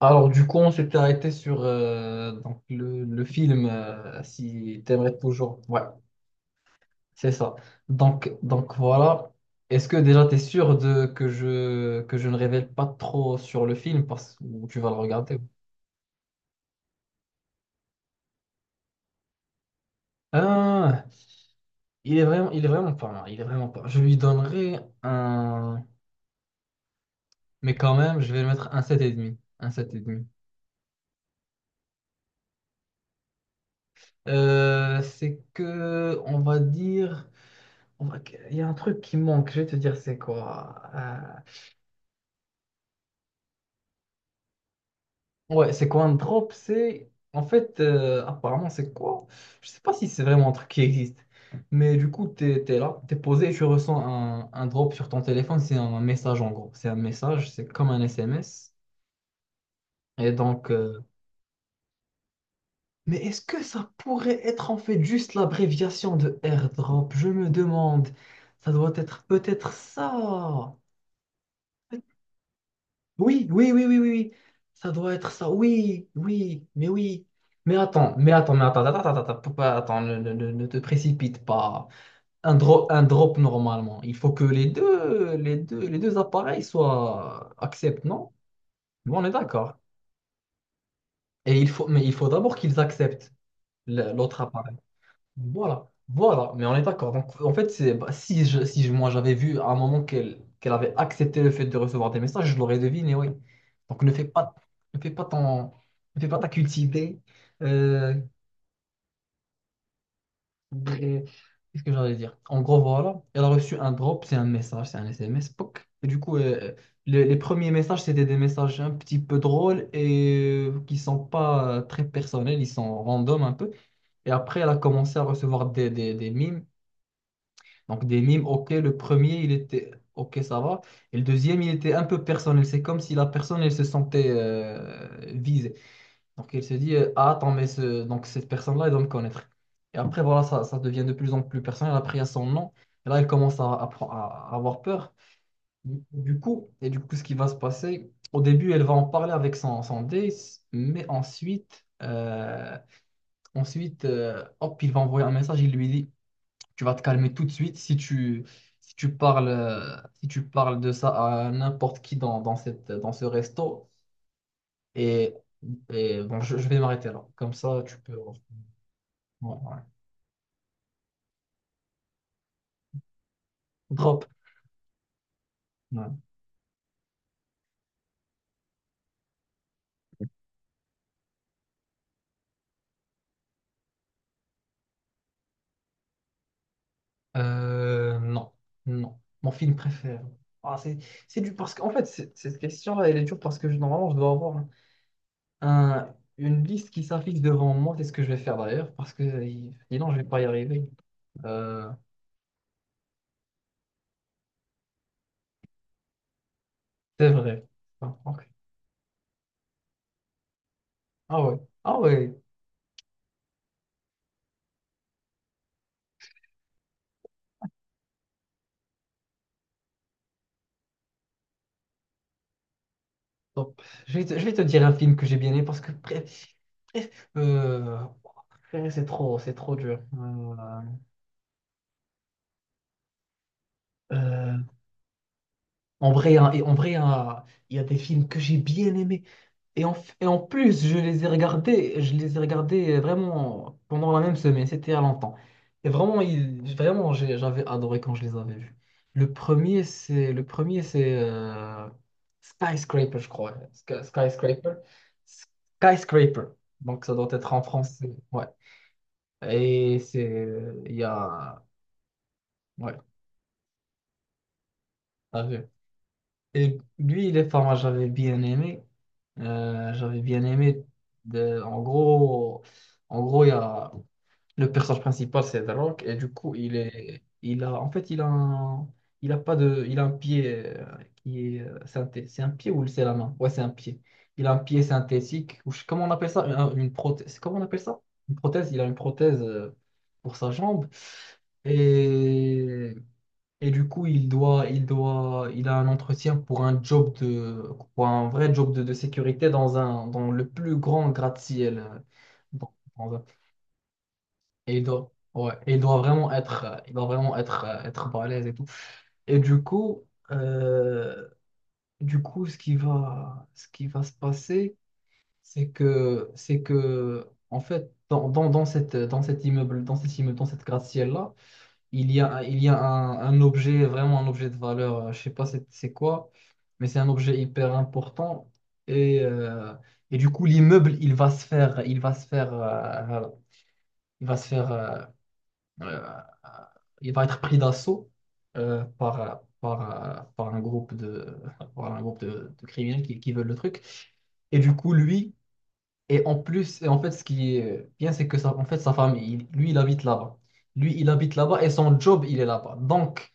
Alors du coup, on s'était arrêté sur donc le film, si t'aimerais toujours. Ouais, c'est ça. Donc voilà. Est-ce que déjà t'es sûr de que je ne révèle pas trop sur le film parce que tu vas le regarder? Ah, il est vraiment pas mal. Il est vraiment pas mal. Je lui donnerai un, mais quand même, je vais le mettre un sept et demi. Un 7,5. C'est que, on va dire, on va- il y a un truc qui manque. Je vais te dire, c'est quoi? Ouais, c'est quoi un drop? C'est en fait, apparemment, c'est quoi? Je sais pas si c'est vraiment un truc qui existe, mais du coup, t'es là, t'es posé et tu ressens un drop sur ton téléphone. C'est un message en gros, c'est un message, c'est comme un SMS. Et donc, mais est-ce que ça pourrait être en fait juste l'abréviation de airdrop? Je me demande, ça doit être peut-être ça. Oui, oui, oui, oui, oui, oui. Ça doit être ça. Oui, oui. Mais attends, mais attends, mais attends, attends, attends, attends, attends, ne te précipite pas. Un drop normalement. Il faut que les deux appareils soient acceptent, non? Bon, on est d'accord. Mais il faut d'abord qu'ils acceptent l'autre appareil. Voilà, voilà, mais on est d'accord. Donc, en fait, c'est, bah, si je, si je- moi j'avais vu à un moment qu'elle avait accepté le fait de recevoir des messages, je l'aurais deviné, oui. Donc, ne fais pas ton, ne fais pas ta cultivée. Euh, et- qu'est-ce que j'allais dire? En gros, voilà, elle a reçu un drop, c'est un message, c'est un SMS, poc. Et du coup, les premiers messages, c'était des messages un petit peu drôles et qui sont pas très personnels, ils sont random un peu. Et après, elle a commencé à recevoir des mimes. Donc des mimes, ok, le premier, il était, ok, ça va. Et le deuxième, il était un peu personnel. C'est comme si la personne, elle se sentait visée. Donc elle se dit, ah, attends, donc cette personne-là, elle doit me connaître. Et après, voilà, ça devient de plus en plus personnel. Après, il y a son nom. Et là, elle commence à avoir peur. Et du coup, ce qui va se passer, au début, elle va en parler avec son date, mais ensuite, hop, il va envoyer un message, il lui dit tu vas te calmer tout de suite si tu, si tu parles de ça à n'importe qui dans ce resto. Et, et bon, je vais m'arrêter là. Comme ça, tu peux. Ouais, ouais. Drop. Ouais. Non, non. Mon film préféré. Ah, c'est dur parce qu'en fait, cette question-là, elle est dure parce que normalement, je dois avoir une liste qui s'affiche devant moi. C'est ce que je vais faire d'ailleurs parce que sinon, je vais pas y arriver. Euh, c'est vrai. Ah, ok. Ah ouais. Ah ouais. Bon, je vais te dire un film que j'ai bien aimé parce que bref, c'est trop dur. Euh, En vrai, hein, il y a des films que j'ai bien aimés. Et en plus, je les ai regardés, je les ai regardés vraiment pendant la même semaine, c'était il y a longtemps. Et vraiment, vraiment, j'avais adoré quand je les avais vus. Le premier, c'est Skyscraper, je crois. Skyscraper. Skyscraper. Donc ça doit être en français. Ouais. Et c'est. Il y a. Ouais, t'as vu. Et lui, il est pas mal, j'avais bien aimé. J'avais bien aimé. de- en gros, en gros, il y a le personnage principal, c'est The Rock, et du coup, il est, il a, en fait, il a, un- il a pas de, il a un pied c'est un pied ou c'est la main? Ouais, c'est un pied. Il a un pied synthétique, ou comment on appelle ça? Une prothèse. Comment on appelle ça? Une prothèse. Il a une prothèse pour sa jambe. Et et du coup, il a un entretien pour pour un vrai job de sécurité dans le plus grand gratte-ciel. Dans- dans un- Et il doit, ouais, il doit vraiment être, être balèze et tout. Et du coup, euh, ce qui va se passer, en fait, dans cet immeuble, dans cette gratte-ciel-là, il y a un objet, vraiment un objet de valeur, je sais pas c'est quoi, mais c'est un objet hyper important. Et, euh, et du coup, l'immeuble, il va se faire, il va se faire, voilà, il va se faire, euh, euh, il va être pris d'assaut euh, par, euh, par un groupe de, par un groupe de criminels qui veulent le truc. Et du coup, lui, et en plus, et en fait, ce qui est bien, c'est que ça, en fait, sa famille, lui, il habite là-bas. Lui, il habite là-bas et son job, il est là-bas. Donc,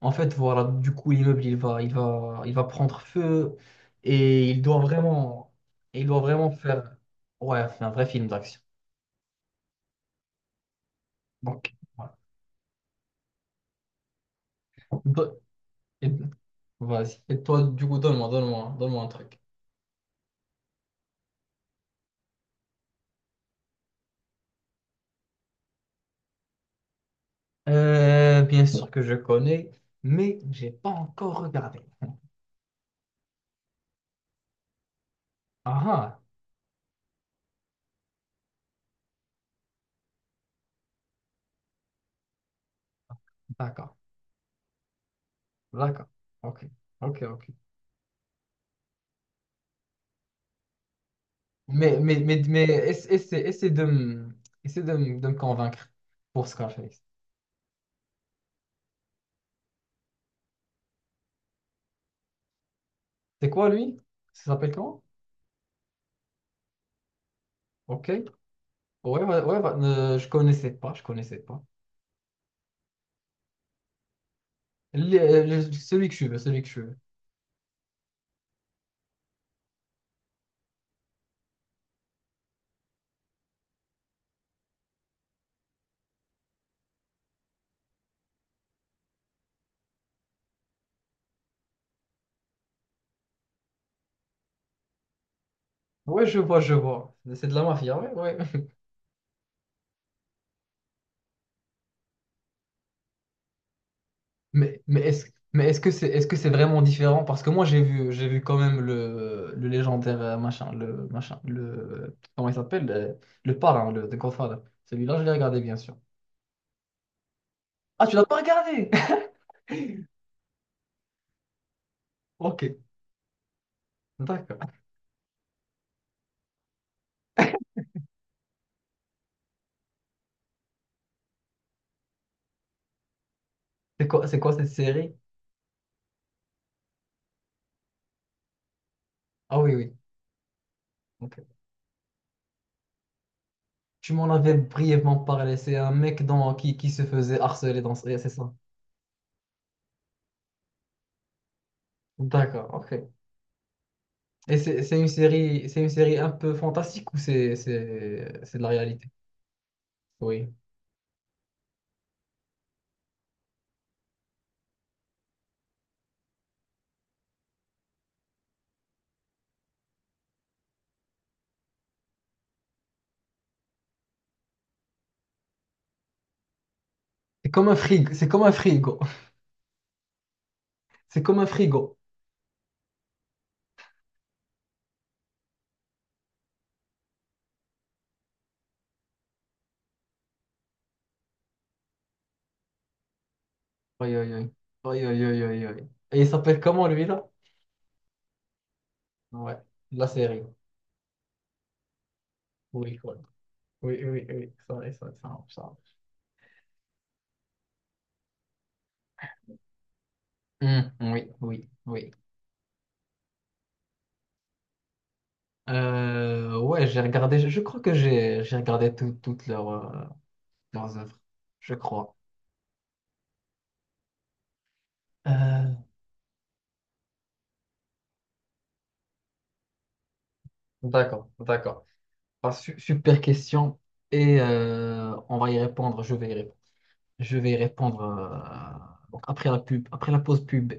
en fait, voilà, du coup, l'immeuble, il va prendre feu et il doit vraiment faire, ouais, un vrai film d'action. Donc, voilà. Do- et- Vas-y. Et toi, du coup, donne-moi un truc. Bien sûr que je connais, mais j'ai pas encore regardé. Ah, ah, d'accord, d'accord. Ok, ok, ok. Mais essaie de me convaincre pour Scarface. C'est quoi, lui? Ça s'appelle comment? Ok. Ouais, ouais, ouais, bah, je connaissais pas. Celui que je veux, celui que je veux. Ouais, je vois, je vois. C'est de la mafia, ouais, ouais. Mais, mais est-ce, mais est-ce que c'est vraiment différent? Parce que moi, j'ai vu quand même le légendaire comment il s'appelle? Le parrain, The Godfather. Celui-là, je l'ai regardé, bien sûr. Ah, tu l'as pas regardé? Ok, d'accord. C'est quoi cette série? Ah oui, oui. Ok. Tu m'en avais brièvement parlé. C'est un mec qui se faisait harceler dans... C'est ça. D'accord, ok. Et c'est une série un peu fantastique ou c'est de la réalité? Oui. C'est comme un frigo, c'est comme un frigo. C'est comme un frigo. Oui, oui, oui. Oui, oui, oui, oui, oui. Et il s'appelle comment lui là? Ouais, la série. Oui, quoi. Oui, oui, oui, oui. Ça marche. Hmm, oui, oui, oui. Ouais, j'ai regardé, je crois que j'ai regardé toutes leurs œuvres, je crois. Euh, d'accord, d'accord. Ah, super question et on va y répondre. Je vais y répondre. Je vais y répondre euh, donc après la pause pub.